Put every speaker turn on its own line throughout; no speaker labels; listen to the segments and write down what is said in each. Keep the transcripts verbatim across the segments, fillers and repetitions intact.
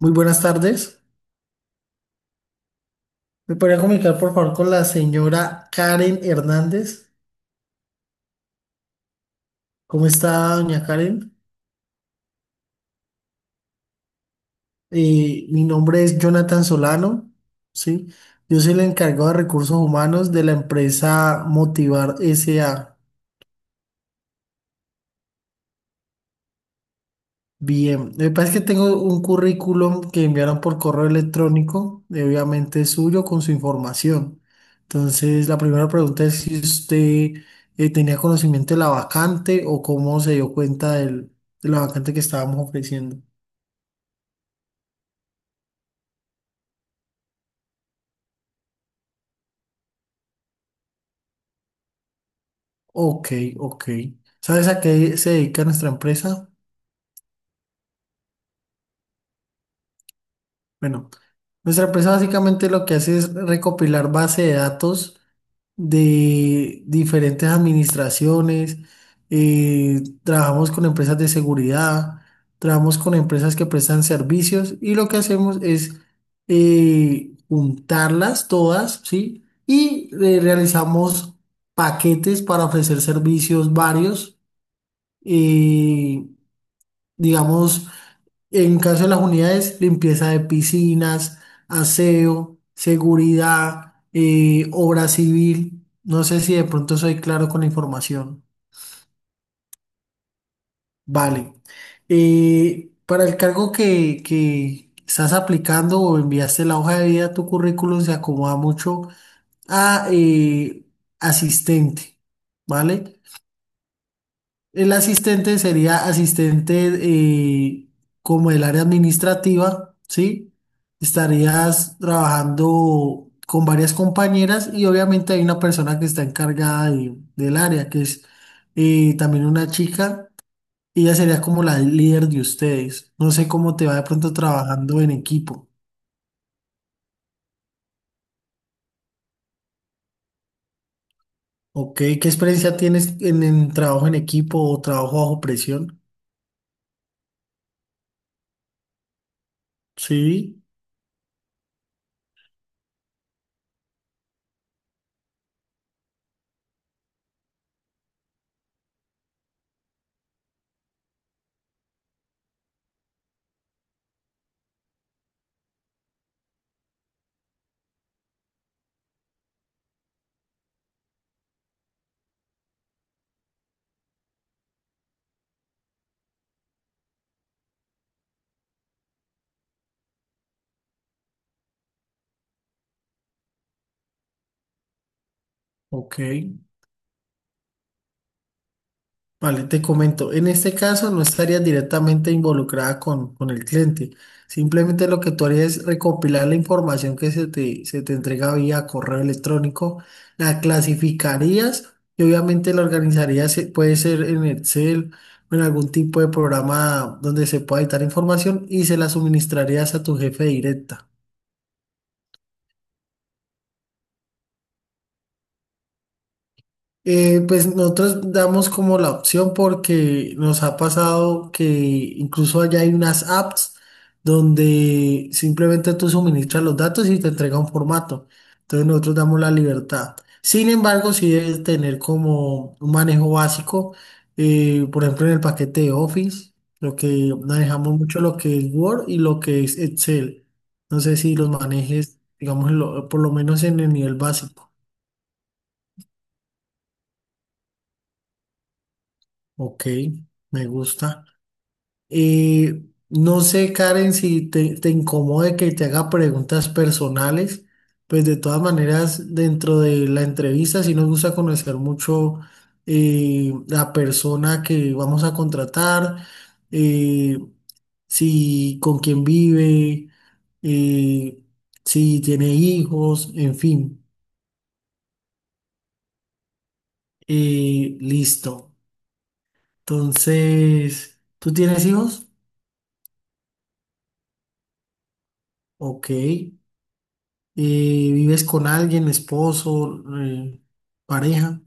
Muy buenas tardes. ¿Me podría comunicar, por favor, con la señora Karen Hernández? ¿Cómo está, doña Karen? Eh, mi nombre es Jonathan Solano, ¿sí? Yo soy el encargado de recursos humanos de la empresa Motivar S A. Bien, me parece que tengo un currículum que enviaron por correo electrónico, eh, obviamente suyo, con su información. Entonces, la primera pregunta es si usted eh, tenía conocimiento de la vacante o cómo se dio cuenta del- de la vacante que estábamos ofreciendo. Ok, ok. ¿Sabes a qué se dedica nuestra empresa? Bueno, nuestra empresa básicamente lo que hace es recopilar base de datos de diferentes administraciones, eh, trabajamos con empresas de seguridad, trabajamos con empresas que prestan servicios y lo que hacemos es eh, juntarlas todas, ¿sí? Y eh, realizamos paquetes para ofrecer servicios varios, eh, digamos, en caso de las unidades, limpieza de piscinas, aseo, seguridad, eh, obra civil. No sé si de pronto soy claro con la información. Vale. Eh, para el cargo que, que estás aplicando o enviaste la hoja de vida, tu currículum se acomoda mucho a eh, asistente, ¿vale? El asistente sería asistente eh, como el área administrativa, ¿sí? Estarías trabajando con varias compañeras y obviamente hay una persona que está encargada de- del área, que es eh, también una chica. Y ella sería como la líder de ustedes. No sé cómo te va de pronto trabajando en equipo. Ok, ¿qué experiencia tienes en, en trabajo en equipo o trabajo bajo presión? Sí, ok. Vale, te comento, en este caso no estarías directamente involucrada con, con el cliente, simplemente lo que tú harías es recopilar la información que se te, se te entrega vía correo electrónico, la clasificarías y obviamente la organizarías, eh, puede ser en Excel o en algún tipo de programa donde se pueda editar información y se la suministrarías a tu jefe directa. Eh, pues nosotros damos como la opción porque nos ha pasado que incluso allá hay unas apps donde simplemente tú suministras los datos y te entrega un formato. Entonces nosotros damos la libertad. Sin embargo, sí debes tener como un manejo básico, eh, por ejemplo en el paquete de Office, lo que manejamos mucho lo que es Word y lo que es Excel. No sé si los manejes, digamos, en lo- por lo menos en el nivel básico. Ok, me gusta. Eh, no sé, Karen, si te, te incomode que te haga preguntas personales, pues de todas maneras, dentro de la entrevista, sí nos gusta conocer mucho eh, la persona que vamos a contratar, eh, si con quién vive, eh, si tiene hijos, en fin. Eh, listo. Entonces, ¿tú tienes hijos? Ok. Eh, ¿vives con alguien, esposo, eh, pareja?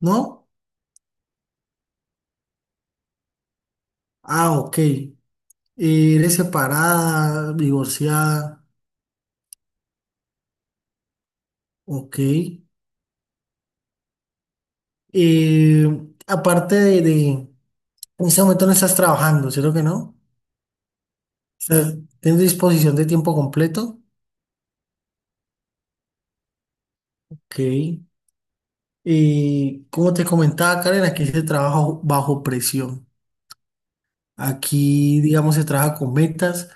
¿No? Ah, ok. Eh, ¿eres separada, divorciada? Ok. Eh, aparte de, de- en este momento no estás trabajando, ¿cierto que no? ¿Estás- ¿Tienes disposición de tiempo completo? Ok. Eh, como te comentaba, Karen, aquí se trabaja bajo presión. Aquí, digamos, se trabaja con metas,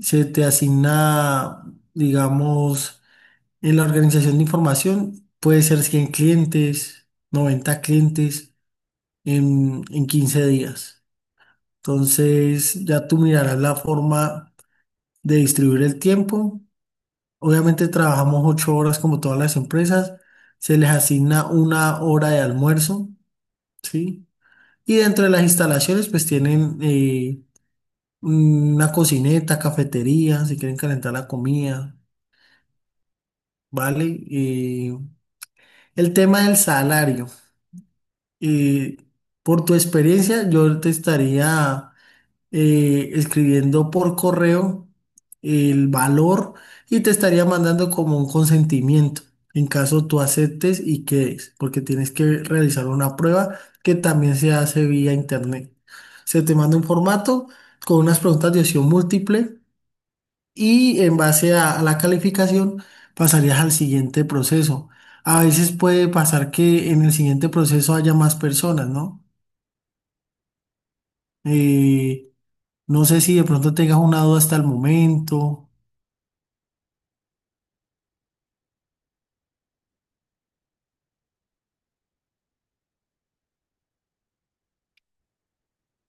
se te asigna, digamos, en la organización de información puede ser cien clientes, noventa clientes en, en quince días. Entonces, ya tú mirarás la forma de distribuir el tiempo. Obviamente trabajamos ocho horas como todas las empresas. Se les asigna una hora de almuerzo, ¿sí? Y dentro de las instalaciones, pues tienen eh, una cocineta, cafetería, si quieren calentar la comida, ¿vale? Eh, el tema del salario. eh, por tu experiencia, yo te estaría eh, escribiendo por correo el valor y te estaría mandando como un consentimiento en caso tú aceptes y quedes, porque tienes que realizar una prueba que también se hace vía internet. Se te manda un formato con unas preguntas de opción múltiple y en base a, a la calificación pasarías al siguiente proceso. A veces puede pasar que en el siguiente proceso haya más personas, ¿no? Eh, no sé si de pronto tengas una duda hasta el momento.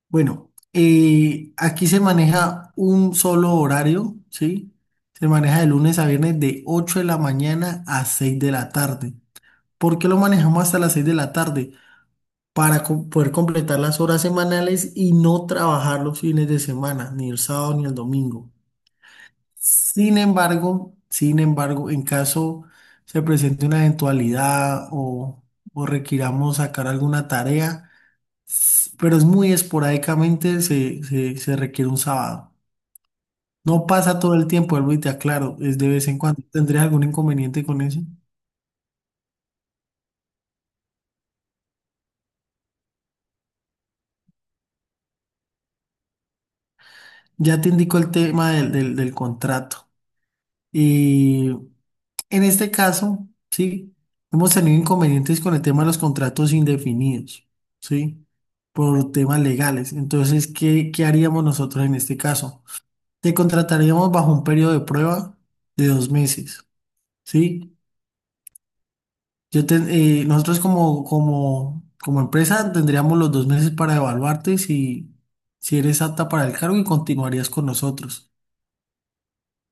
Bueno, eh, aquí se maneja un solo horario, ¿sí? Se maneja de lunes a viernes de ocho de la mañana a seis de la tarde. ¿Por qué lo manejamos hasta las seis de la tarde? Para co- poder completar las horas semanales y no trabajar los fines de semana, ni el sábado ni el domingo. Sin embargo, sin embargo, en caso se presente una eventualidad o, o requiramos sacar alguna tarea, s- pero es muy esporádicamente, se, se, se requiere un sábado. No pasa todo el tiempo, vuelvo y te aclaro, es de vez en cuando. ¿Tendrías algún inconveniente con eso? Ya te indico el tema del, del, del contrato. En este caso, sí, hemos tenido inconvenientes con el tema de los contratos indefinidos, ¿sí? Por temas legales. Entonces, ¿qué, qué haríamos nosotros en este caso? Te contrataríamos bajo un periodo de prueba de dos meses, ¿sí? Yo te- eh, nosotros como, como, como empresa tendríamos los dos meses para evaluarte, si, si eres apta para el cargo y continuarías con nosotros.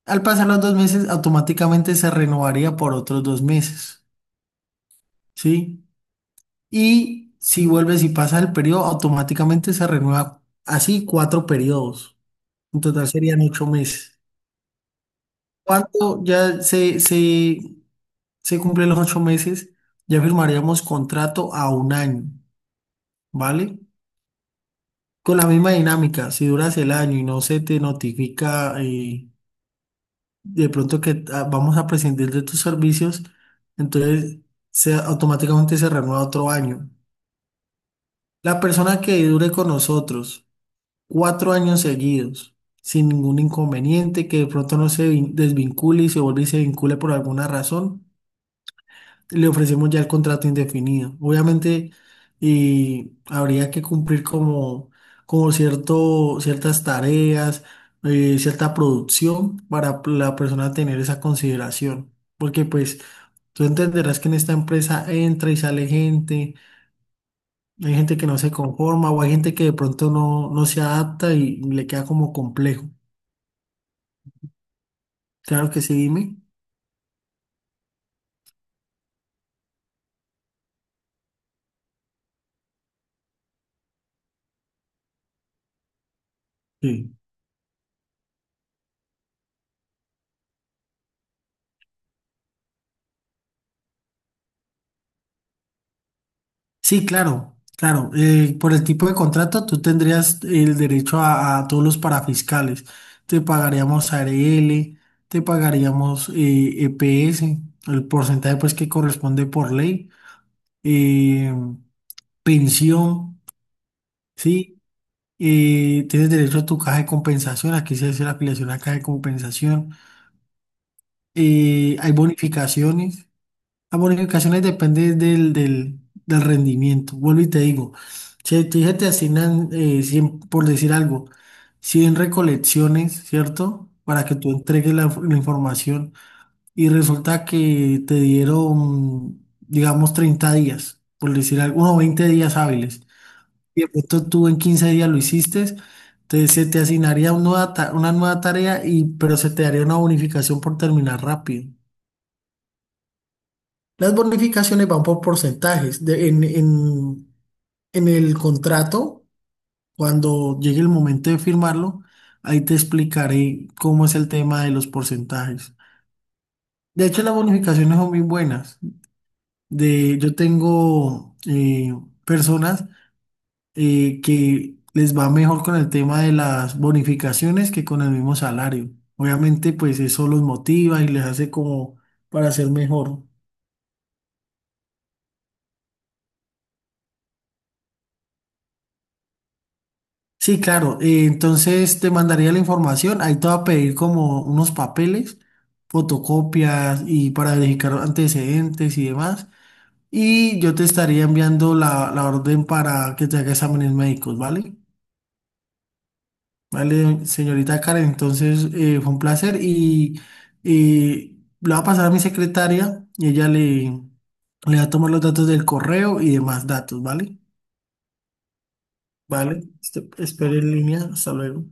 Al pasar los dos meses, automáticamente se renovaría por otros dos meses, ¿sí? Y si vuelves y pasas el periodo, automáticamente se renueva así cuatro periodos. En total serían ocho meses. Cuando ya se, se, se cumplen los ocho meses, ya firmaríamos contrato a un año, ¿vale? Con la misma dinámica, si duras el año y no se te notifica eh, de pronto que ah, vamos a prescindir de tus servicios, entonces se, automáticamente se renueva otro año. La persona que dure con nosotros cuatro años seguidos, sin ningún inconveniente, que de pronto no se vin- desvincule y se vuelve y se vincule por alguna razón, le ofrecemos ya el contrato indefinido. Obviamente, y habría que cumplir como, como cierto, ciertas tareas, eh, cierta producción para la persona tener esa consideración. Porque pues tú entenderás que en esta empresa entra y sale gente, hay gente que no se conforma o hay gente que de pronto no, no se adapta y le queda como complejo. Claro que sí, dime. Sí, sí, claro, claro. Eh, por el tipo de contrato, tú tendrías el derecho a, a todos los parafiscales. Te pagaríamos a R L, te pagaríamos eh, E P S el porcentaje pues que corresponde por ley, eh, pensión, ¿sí? Eh, tienes derecho a tu caja de compensación, aquí se hace la afiliación a caja de compensación. Eh, hay bonificaciones. Las bonificaciones dependen del, del, del rendimiento. Vuelvo y te digo, si te, dije, te asignan, eh, cien, por decir algo, cien recolecciones, ¿cierto? Para que tú entregues la, inf- la información y resulta que te dieron, digamos, treinta días, por decir algo, o veinte días hábiles. Y de pronto tú en quince días lo hiciste, entonces se te asignaría una nueva, ta- una nueva tarea, y, pero se te daría una bonificación por terminar rápido. Las bonificaciones van por porcentajes. De- en, en- en el contrato, cuando llegue el momento de firmarlo, ahí te explicaré cómo es el tema de los porcentajes. De hecho, las bonificaciones son muy buenas. De, yo tengo eh, personas eh, que les va mejor con el tema de las bonificaciones que con el mismo salario. Obviamente, pues eso los motiva y les hace como para ser mejor. Sí, claro. eh, entonces te mandaría la información. Ahí te va a pedir como unos papeles, fotocopias y para verificar antecedentes y demás. Y yo te estaría enviando la, la orden para que te haga exámenes médicos, ¿vale? Vale, señorita Karen. Entonces eh, fue un placer y, y lo va a pasar a mi secretaria y ella le, le va a tomar los datos del correo y demás datos, ¿vale? Vale. este- Espere en línea. Hasta luego.